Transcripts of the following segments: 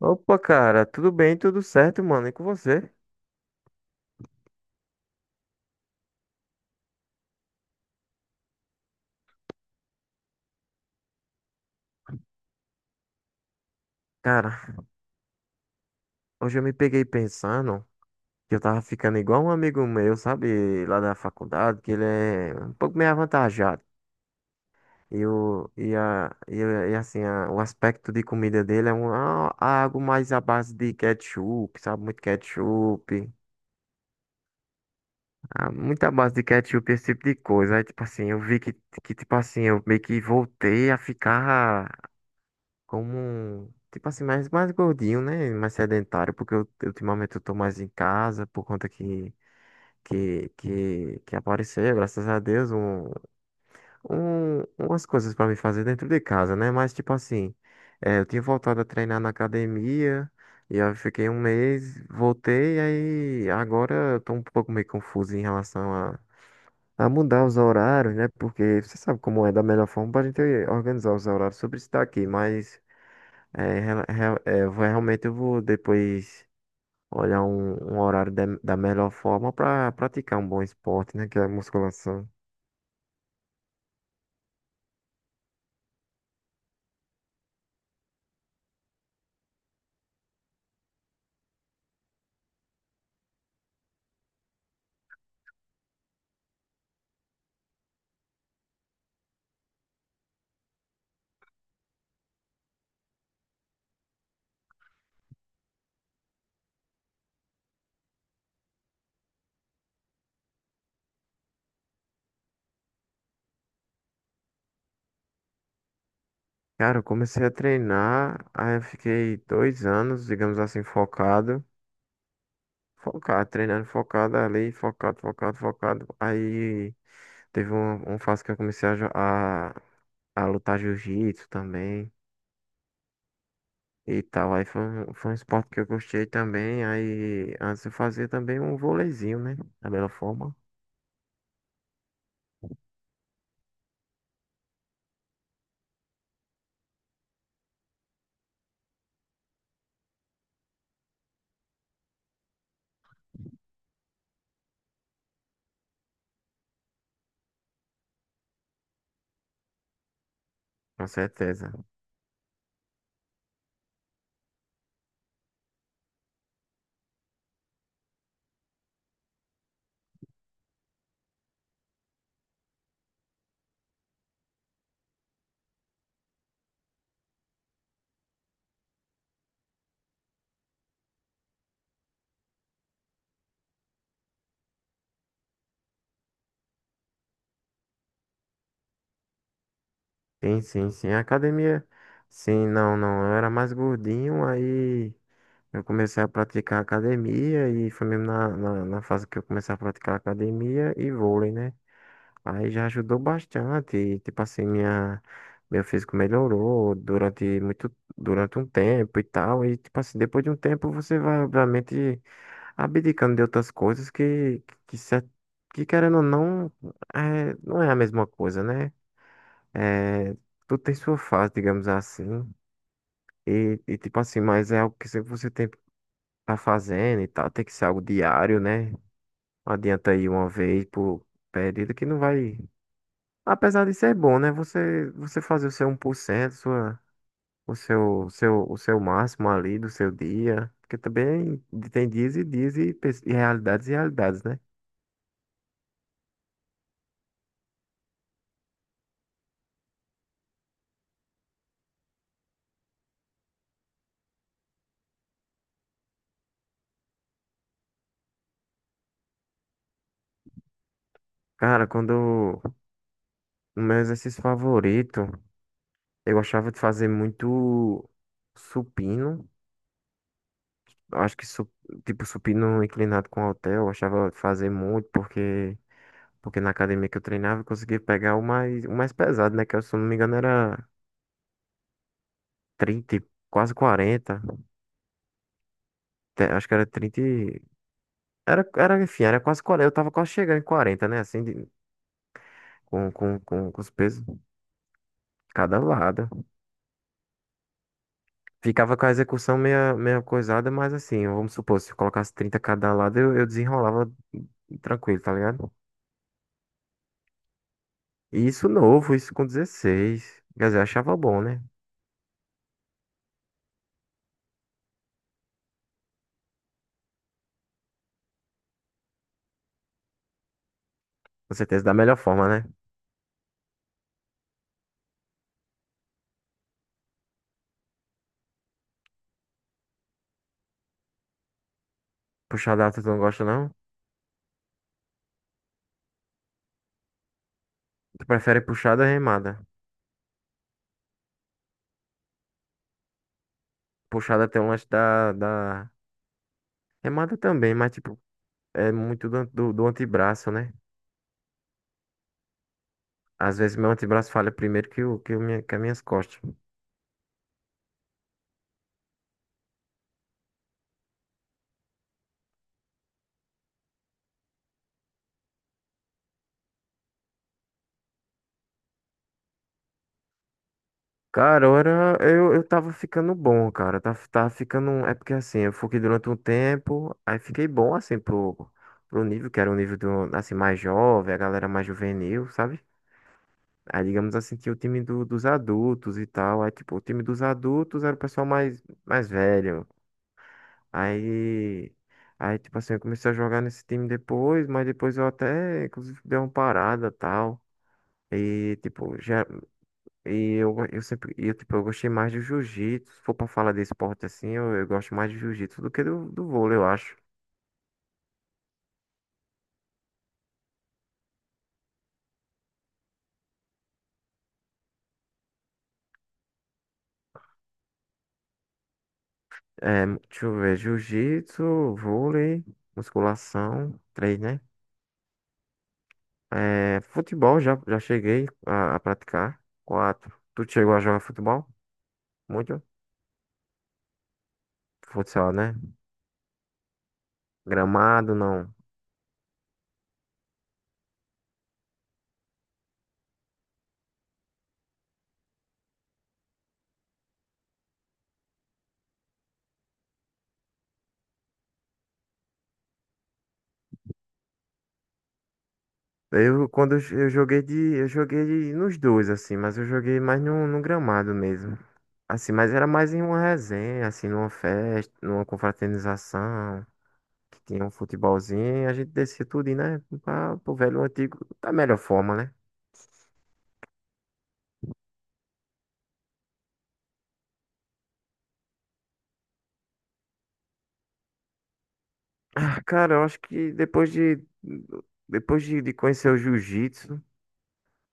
Opa, cara, tudo bem, tudo certo, mano, e com você? Cara, hoje eu me peguei pensando que eu tava ficando igual um amigo meu, sabe, lá da faculdade, que ele é um pouco meio avantajado. E, o, e, a, e, a- e assim, a- O aspecto de comida dele é algo mais à base de ketchup, sabe, muito ketchup, muita base de ketchup, esse tipo de coisa. Aí, tipo assim, eu vi que tipo assim, eu meio que voltei a ficar. Como, tipo assim, mais gordinho, né? Mais sedentário, porque eu, ultimamente eu tô mais em casa por conta que apareceu, graças a Deus, umas coisas pra me fazer dentro de casa, né? Mas, tipo assim, eu tinha voltado a treinar na academia, e aí eu fiquei um mês, voltei, aí agora eu tô um pouco meio confuso em relação a mudar os horários, né? Porque você sabe como é da melhor forma pra gente organizar os horários sobre isso daqui, mas. Realmente eu vou depois olhar um horário da melhor forma para praticar um bom esporte, né? Que é a musculação. Cara, eu comecei a treinar, aí eu fiquei dois anos, digamos assim, focado. Focado, treinando focado ali, focado, focado, focado. Aí teve uma fase que eu comecei a lutar jiu-jitsu também e tal. Aí foi um esporte que eu gostei também. Aí antes eu fazia também um vôleizinho, né? Da melhor forma. Com certeza. Sim, sim, sim. A academia. Sim, não, não. Eu era mais gordinho, aí eu comecei a praticar academia e foi mesmo na fase que eu comecei a praticar academia e vôlei, né? Aí já ajudou bastante. E, tipo assim, meu físico melhorou durante um tempo e tal. E tipo assim, depois de um tempo você vai, obviamente, abdicando de outras coisas que querendo ou não, não é a mesma coisa, né? É, tudo tem sua fase, digamos assim. E tipo assim, mas é algo que sempre você tem que tá fazendo e tal. Tem que ser algo diário, né? Não adianta ir uma vez por período que não vai. Apesar de ser bom, né? Você fazer o seu um 1%, sua, o seu, seu, o seu máximo ali do seu dia. Porque também tem dias e dias e realidades e realidades, né? Cara, quando o meu exercício favorito, eu achava de fazer muito supino. Acho que, tipo, supino inclinado com halter, eu achava fazer muito, porque na academia que eu treinava eu conseguia pegar o mais pesado, né? Se eu não me engano era trinta, quase quarenta. Acho que era trinta. Era quase quarenta. Eu tava quase chegando em quarenta, né? Assim, com os pesos, cada lado. Ficava com a execução meia, meia coisada, mas assim, vamos supor, se eu colocasse 30 cada lado, eu desenrolava tranquilo, tá ligado? E isso novo, isso com dezesseis. Quer dizer, eu achava bom, né? Com certeza, da melhor forma, né? Puxada alta tu não gosta, não? Tu prefere puxada ou remada? Puxada tem um lance da. Remada também, mas, tipo, é muito do antebraço, né? Às vezes meu antebraço falha primeiro que as minhas costas. Cara, ora, eu tava ficando bom, cara. Tava ficando. É porque, assim, eu fiquei durante um tempo, aí fiquei bom, assim, pro, nível, que era um nível, do, assim, mais jovem, a galera mais juvenil, sabe? Aí, digamos assim, tinha o time dos adultos e tal. Aí, tipo, o time dos adultos era o pessoal mais velho. Aí, tipo assim, eu comecei a jogar nesse time depois, mas depois eu até, inclusive, dei uma parada e tal. E, tipo, já, e eu sempre, e eu, tipo, eu gostei mais do jiu-jitsu. Se for pra falar de esporte assim, eu gosto mais de jiu-jitsu do que do vôlei, eu acho. É, deixa eu ver, jiu-jitsu, vôlei, musculação, três, né? É, futebol, já cheguei a praticar. Quatro. Tu chegou a jogar futebol? Muito? Futsal, né? Gramado, não. Quando eu joguei de- Nos dois, assim, mas eu joguei mais no gramado mesmo. Assim, mas era mais em uma resenha, assim, numa festa, numa confraternização, que tinha um futebolzinho, e a gente descia tudo, né? Pro velho antigo, da melhor forma, né? Ah, cara, eu acho que depois de conhecer o jiu-jitsu,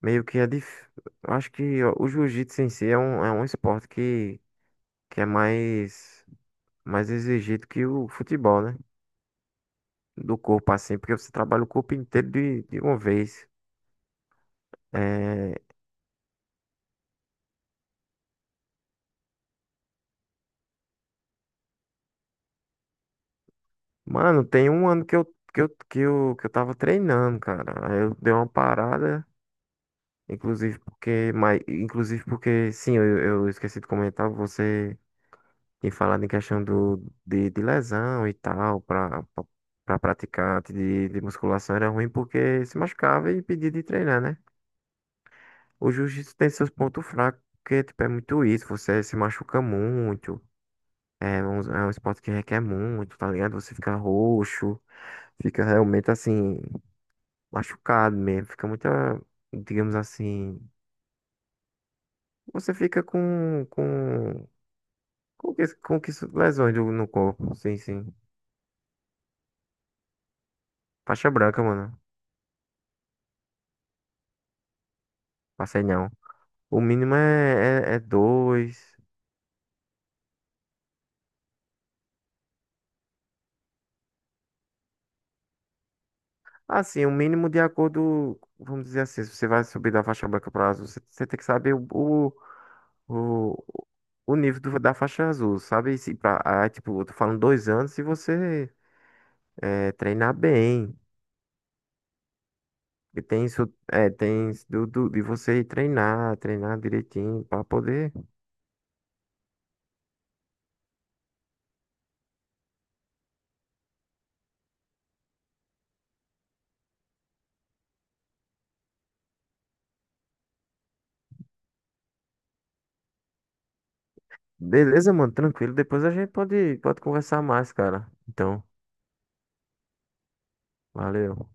meio que é difícil. Acho que o jiu-jitsu em si é um esporte que é mais exigido que o futebol, né? Do corpo, assim, porque você trabalha o corpo inteiro de uma vez. É, mano, tem um ano que eu, tava treinando, cara. Aí eu dei uma parada, inclusive porque, sim, eu esqueci de comentar, você. E falando em questão de lesão e tal, para praticante de musculação era ruim porque se machucava e impedia de treinar, né? O jiu-jitsu tem seus pontos fracos, porque tipo, é muito isso, você se machuca muito, é um esporte que requer muito, tá ligado? Você fica roxo, fica realmente assim, machucado mesmo, fica muita digamos assim, você fica com que lesões no corpo, sim, sim. Faixa branca, mano. Passei não. O mínimo é dois. Assim, o mínimo de acordo, vamos dizer assim, se você vai subir da faixa branca para azul, você tem que saber o, o nível da faixa azul, sabe? E Se pra, ah, tipo, eu tô falando dois anos se você treinar bem. E tem isso, é, tem isso de você ir treinar, treinar direitinho para poder. Beleza, mano, tranquilo. Depois a gente pode conversar mais, cara. Então, valeu.